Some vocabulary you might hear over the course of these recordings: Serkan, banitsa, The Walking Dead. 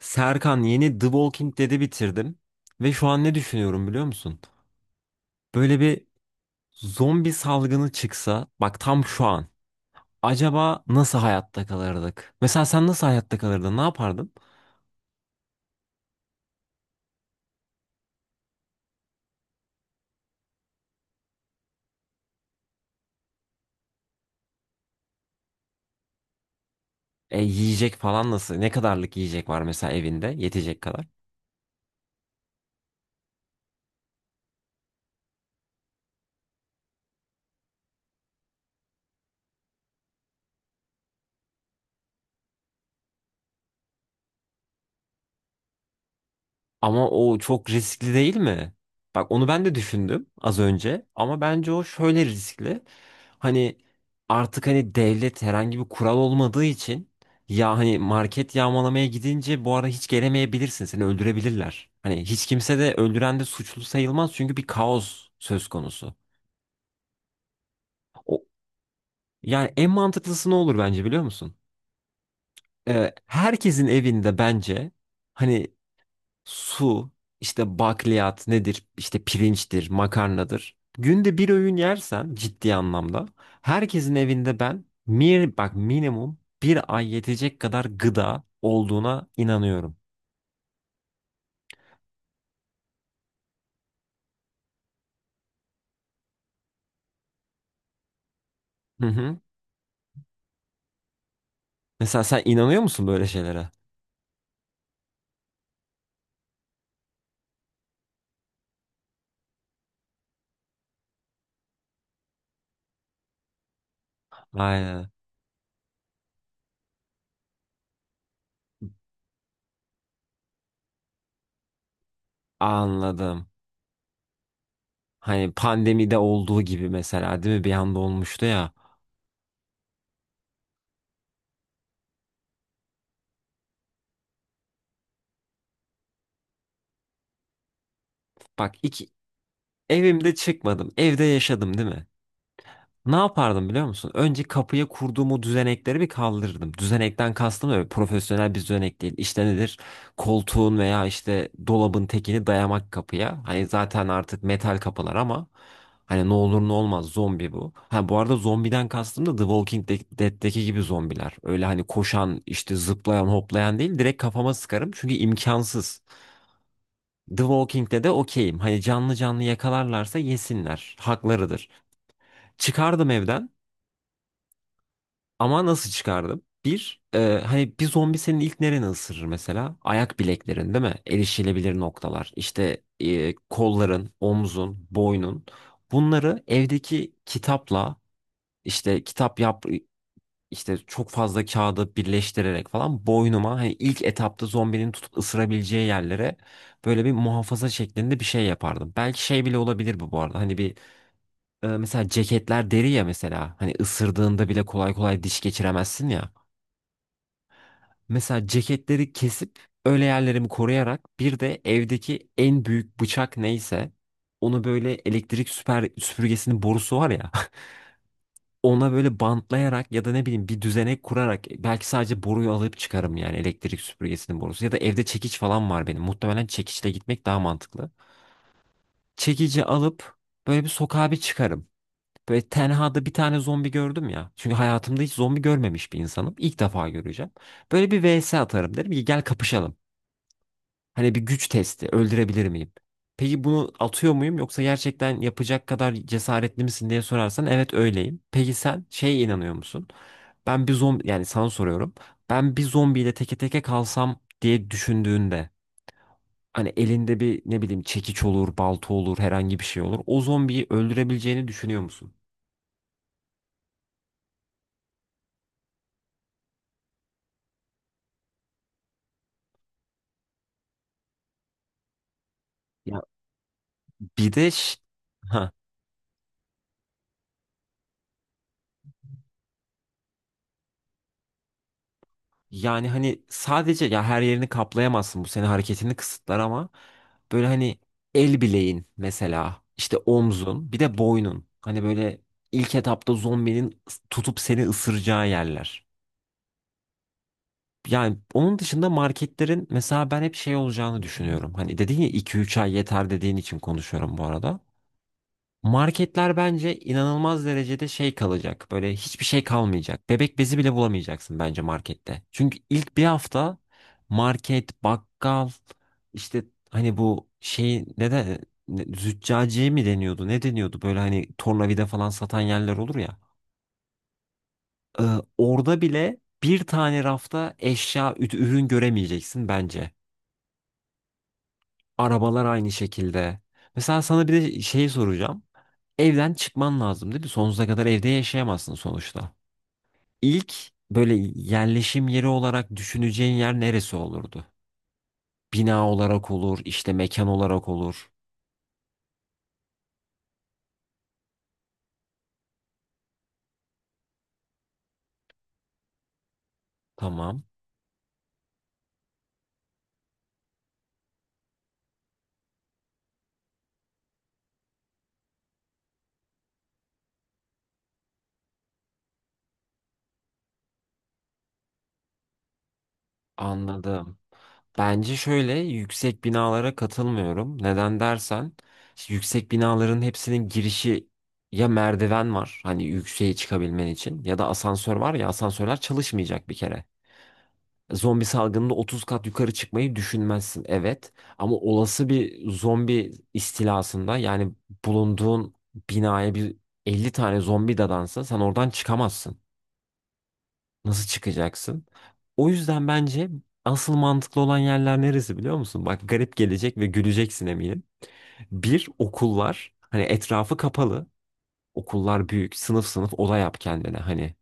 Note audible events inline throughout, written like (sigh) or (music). Serkan yeni The Walking Dead'i bitirdim. Ve şu an ne düşünüyorum biliyor musun? Böyle bir zombi salgını çıksa bak tam şu an. Acaba nasıl hayatta kalırdık? Mesela sen nasıl hayatta kalırdın? Ne yapardın? Yiyecek falan nasıl? Ne kadarlık yiyecek var mesela evinde? Yetecek kadar. Ama o çok riskli değil mi? Bak onu ben de düşündüm az önce ama bence o şöyle riskli. Hani artık hani devlet herhangi bir kural olmadığı için ya hani market yağmalamaya gidince bu ara hiç gelemeyebilirsin. Seni öldürebilirler. Hani hiç kimse de öldüren de suçlu sayılmaz çünkü bir kaos söz konusu. O, yani en mantıklısı ne olur bence biliyor musun? Herkesin evinde bence hani su, işte bakliyat nedir? İşte pirinçtir, makarnadır. Günde bir öğün yersen ciddi anlamda herkesin evinde ben mir bak minimum bir ay yetecek kadar gıda olduğuna inanıyorum. Hı hı. Mesela sen inanıyor musun böyle şeylere? Aynen. Anladım. Hani pandemide olduğu gibi mesela değil mi? Bir anda olmuştu ya. Bak evimde çıkmadım. Evde yaşadım değil mi? Ne yapardım biliyor musun? Önce kapıya kurduğum o düzenekleri bir kaldırırdım. Düzenekten kastım öyle profesyonel bir düzenek değil. İşte nedir? Koltuğun veya işte dolabın tekini dayamak kapıya. Hani zaten artık metal kapılar ama hani ne olur ne olmaz zombi bu. Ha bu arada zombiden kastım da The Walking Dead'deki gibi zombiler. Öyle hani koşan işte zıplayan hoplayan değil direkt kafama sıkarım çünkü imkansız. The Walking'de de okeyim. Hani canlı canlı yakalarlarsa yesinler. Haklarıdır. Çıkardım evden. Ama nasıl çıkardım? Hani bir zombi senin ilk nereni ısırır mesela? Ayak bileklerin değil mi? Erişilebilir noktalar. İşte kolların, omzun, boynun. Bunları evdeki kitapla işte kitap yap işte çok fazla kağıdı birleştirerek falan boynuma hani ilk etapta zombinin tutup ısırabileceği yerlere böyle bir muhafaza şeklinde bir şey yapardım. Belki şey bile olabilir bu arada. Hani bir mesela ceketler deri ya mesela. Hani ısırdığında bile kolay kolay diş geçiremezsin ya. Mesela ceketleri kesip öyle yerlerimi koruyarak bir de evdeki en büyük bıçak neyse onu böyle elektrik süper süpürgesinin borusu var ya (laughs) ona böyle bantlayarak ya da ne bileyim bir düzenek kurarak belki sadece boruyu alıp çıkarım yani elektrik süpürgesinin borusu ya da evde çekiç falan var benim muhtemelen çekiçle gitmek daha mantıklı. Çekici alıp böyle bir sokağa bir çıkarım. Böyle tenhada bir tane zombi gördüm ya. Çünkü hayatımda hiç zombi görmemiş bir insanım. İlk defa göreceğim. Böyle bir vs atarım derim ki gel kapışalım. Hani bir güç testi. Öldürebilir miyim? Peki bunu atıyor muyum yoksa gerçekten yapacak kadar cesaretli misin diye sorarsan evet öyleyim. Peki sen şeye inanıyor musun? Ben bir zombi yani sana soruyorum. Ben bir zombiyle teke teke kalsam diye düşündüğünde hani elinde bir ne bileyim çekiç olur, balta olur, herhangi bir şey olur. O zombiyi öldürebileceğini düşünüyor musun? Ya bir de ha. Yani hani sadece ya her yerini kaplayamazsın bu senin hareketini kısıtlar ama böyle hani el bileğin mesela işte omzun bir de boynun hani böyle ilk etapta zombinin tutup seni ısıracağı yerler. Yani onun dışında marketlerin mesela ben hep şey olacağını düşünüyorum. Hani dedin ya 2-3 ay yeter dediğin için konuşuyorum bu arada. Marketler bence inanılmaz derecede şey kalacak. Böyle hiçbir şey kalmayacak. Bebek bezi bile bulamayacaksın bence markette. Çünkü ilk bir hafta market, bakkal, işte hani bu şey ne de züccaciye mi deniyordu? Ne deniyordu? Böyle hani tornavida falan satan yerler olur ya. Ee, orada bile bir tane rafta eşya, ürün göremeyeceksin bence. Arabalar aynı şekilde. Mesela sana bir de şeyi soracağım. Evden çıkman lazım dedi. Sonsuza kadar evde yaşayamazsın sonuçta. İlk böyle yerleşim yeri olarak düşüneceğin yer neresi olurdu? Bina olarak olur, işte mekan olarak olur. Tamam, anladım. Bence şöyle yüksek binalara katılmıyorum. Neden dersen, işte yüksek binaların hepsinin girişi ya merdiven var, hani yükseğe çıkabilmen için ya da asansör var ya asansörler çalışmayacak bir kere. Zombi salgınında 30 kat yukarı çıkmayı düşünmezsin evet ama olası bir zombi istilasında yani bulunduğun binaya bir 50 tane zombi dadansa sen oradan çıkamazsın. Nasıl çıkacaksın? O yüzden bence asıl mantıklı olan yerler neresi biliyor musun? Bak garip gelecek ve güleceksin eminim. Bir okullar hani etrafı kapalı okullar büyük sınıf sınıf oda yap kendine hani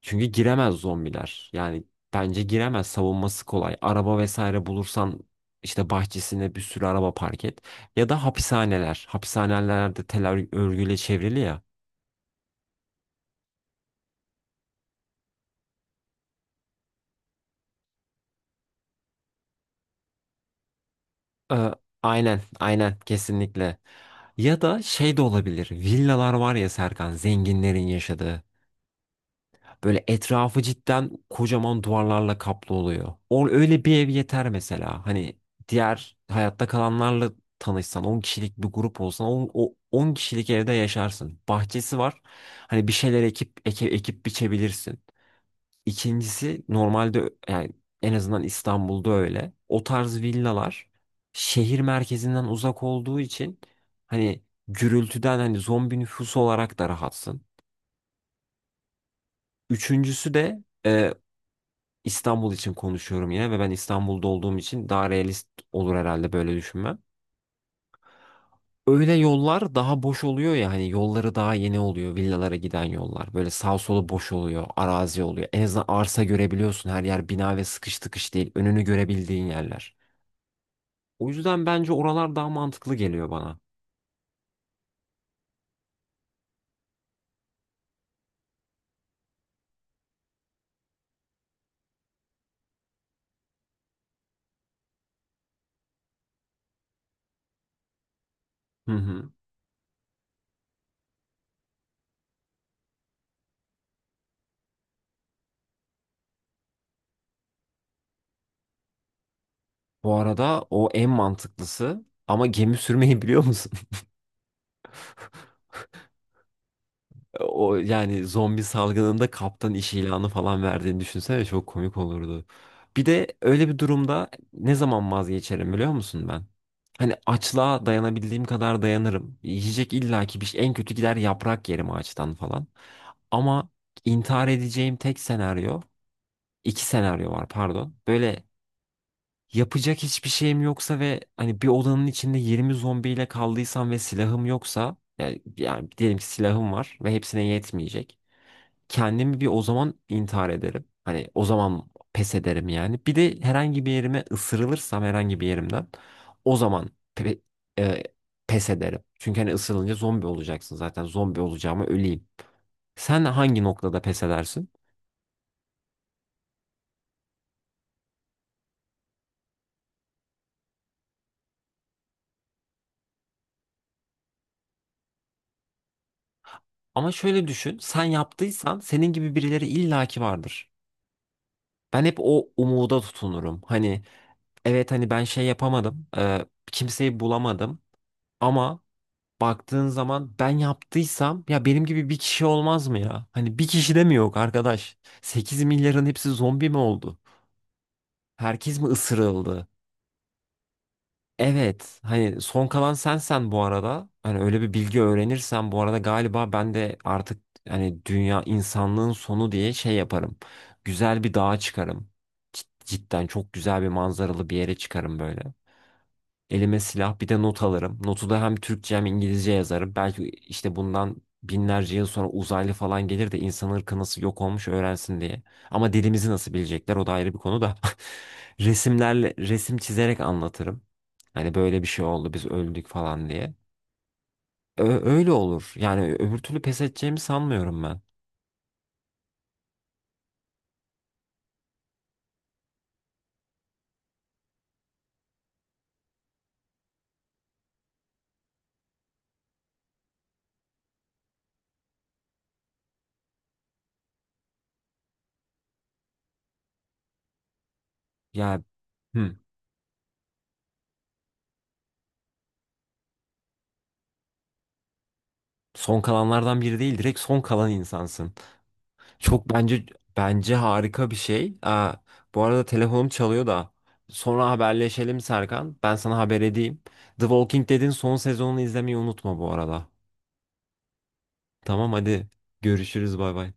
çünkü giremez zombiler. Yani bence giremez. Savunması kolay. Araba vesaire bulursan işte bahçesine bir sürü araba park et. Ya da hapishaneler. Hapishaneler de tel örgüyle çevrili ya. Ee, aynen, aynen kesinlikle. Ya da şey de olabilir. Villalar var ya Serkan, zenginlerin yaşadığı. Böyle etrafı cidden kocaman duvarlarla kaplı oluyor. O öyle bir ev yeter mesela. Hani diğer hayatta kalanlarla tanışsan, 10 kişilik bir grup olsan, o 10 kişilik evde yaşarsın. Bahçesi var. Hani bir şeyler ekip ekip biçebilirsin. İkincisi normalde yani en azından İstanbul'da öyle. O tarz villalar şehir merkezinden uzak olduğu için hani gürültüden hani zombi nüfusu olarak da rahatsın. Üçüncüsü de İstanbul için konuşuyorum yine ve ben İstanbul'da olduğum için daha realist olur herhalde böyle düşünmem. Öyle yollar daha boş oluyor ya hani yolları daha yeni oluyor villalara giden yollar. Böyle sağ solu boş oluyor, arazi oluyor. En azından arsa görebiliyorsun her yer bina ve sıkış tıkış değil. Önünü görebildiğin yerler. O yüzden bence oralar daha mantıklı geliyor bana. Hı hı. Bu arada o en mantıklısı ama gemi sürmeyi (laughs) biliyor musun? O yani zombi salgınında kaptan iş ilanı falan verdiğini düşünsene çok komik olurdu. Bir de öyle bir durumda ne zaman vazgeçerim biliyor musun ben? Hani açlığa dayanabildiğim kadar dayanırım. Yiyecek illaki bir şey. En kötü gider yaprak yerim ağaçtan falan. Ama intihar edeceğim tek senaryo, iki senaryo var pardon. Böyle yapacak hiçbir şeyim yoksa ve hani bir odanın içinde 20 zombiyle kaldıysam ve silahım yoksa yani, diyelim ki silahım var ve hepsine yetmeyecek kendimi bir o zaman intihar ederim. Hani o zaman pes ederim yani. Bir de herhangi bir yerime ısırılırsam herhangi bir yerimden o zaman pe- e, pes ederim. Çünkü hani ısırılınca zombi olacaksın zaten. Zombi olacağıma öleyim. Sen hangi noktada pes edersin? Ama şöyle düşün, sen yaptıysan senin gibi birileri illaki vardır. Ben hep o umuda tutunurum. Hani evet hani ben şey yapamadım, kimseyi bulamadım ama baktığın zaman ben yaptıysam ya benim gibi bir kişi olmaz mı ya? Hani bir kişi de mi yok arkadaş? 8 milyarın hepsi zombi mi oldu? Herkes mi ısırıldı? Evet. Hani son kalan sensen bu arada. Hani öyle bir bilgi öğrenirsen bu arada galiba ben de artık hani dünya insanlığın sonu diye şey yaparım. Güzel bir dağa çıkarım. Cidden çok güzel bir manzaralı bir yere çıkarım böyle. Elime silah bir de not alırım. Notu da hem Türkçe hem İngilizce yazarım. Belki işte bundan binlerce yıl sonra uzaylı falan gelir de insan ırkı nasıl yok olmuş öğrensin diye. Ama dilimizi nasıl bilecekler o da ayrı bir konu da. (laughs) Resimlerle, resim çizerek anlatırım. Hani böyle bir şey oldu biz öldük falan diye. Öyle olur. Yani öbür türlü pes edeceğimi sanmıyorum ben. Ya hmm, son kalanlardan biri değil direkt son kalan insansın. Çok bence harika bir şey. Aa, bu arada telefonum çalıyor da. Sonra haberleşelim Serkan. Ben sana haber edeyim. The Walking Dead'in son sezonunu izlemeyi unutma bu arada. Tamam hadi görüşürüz bay bay.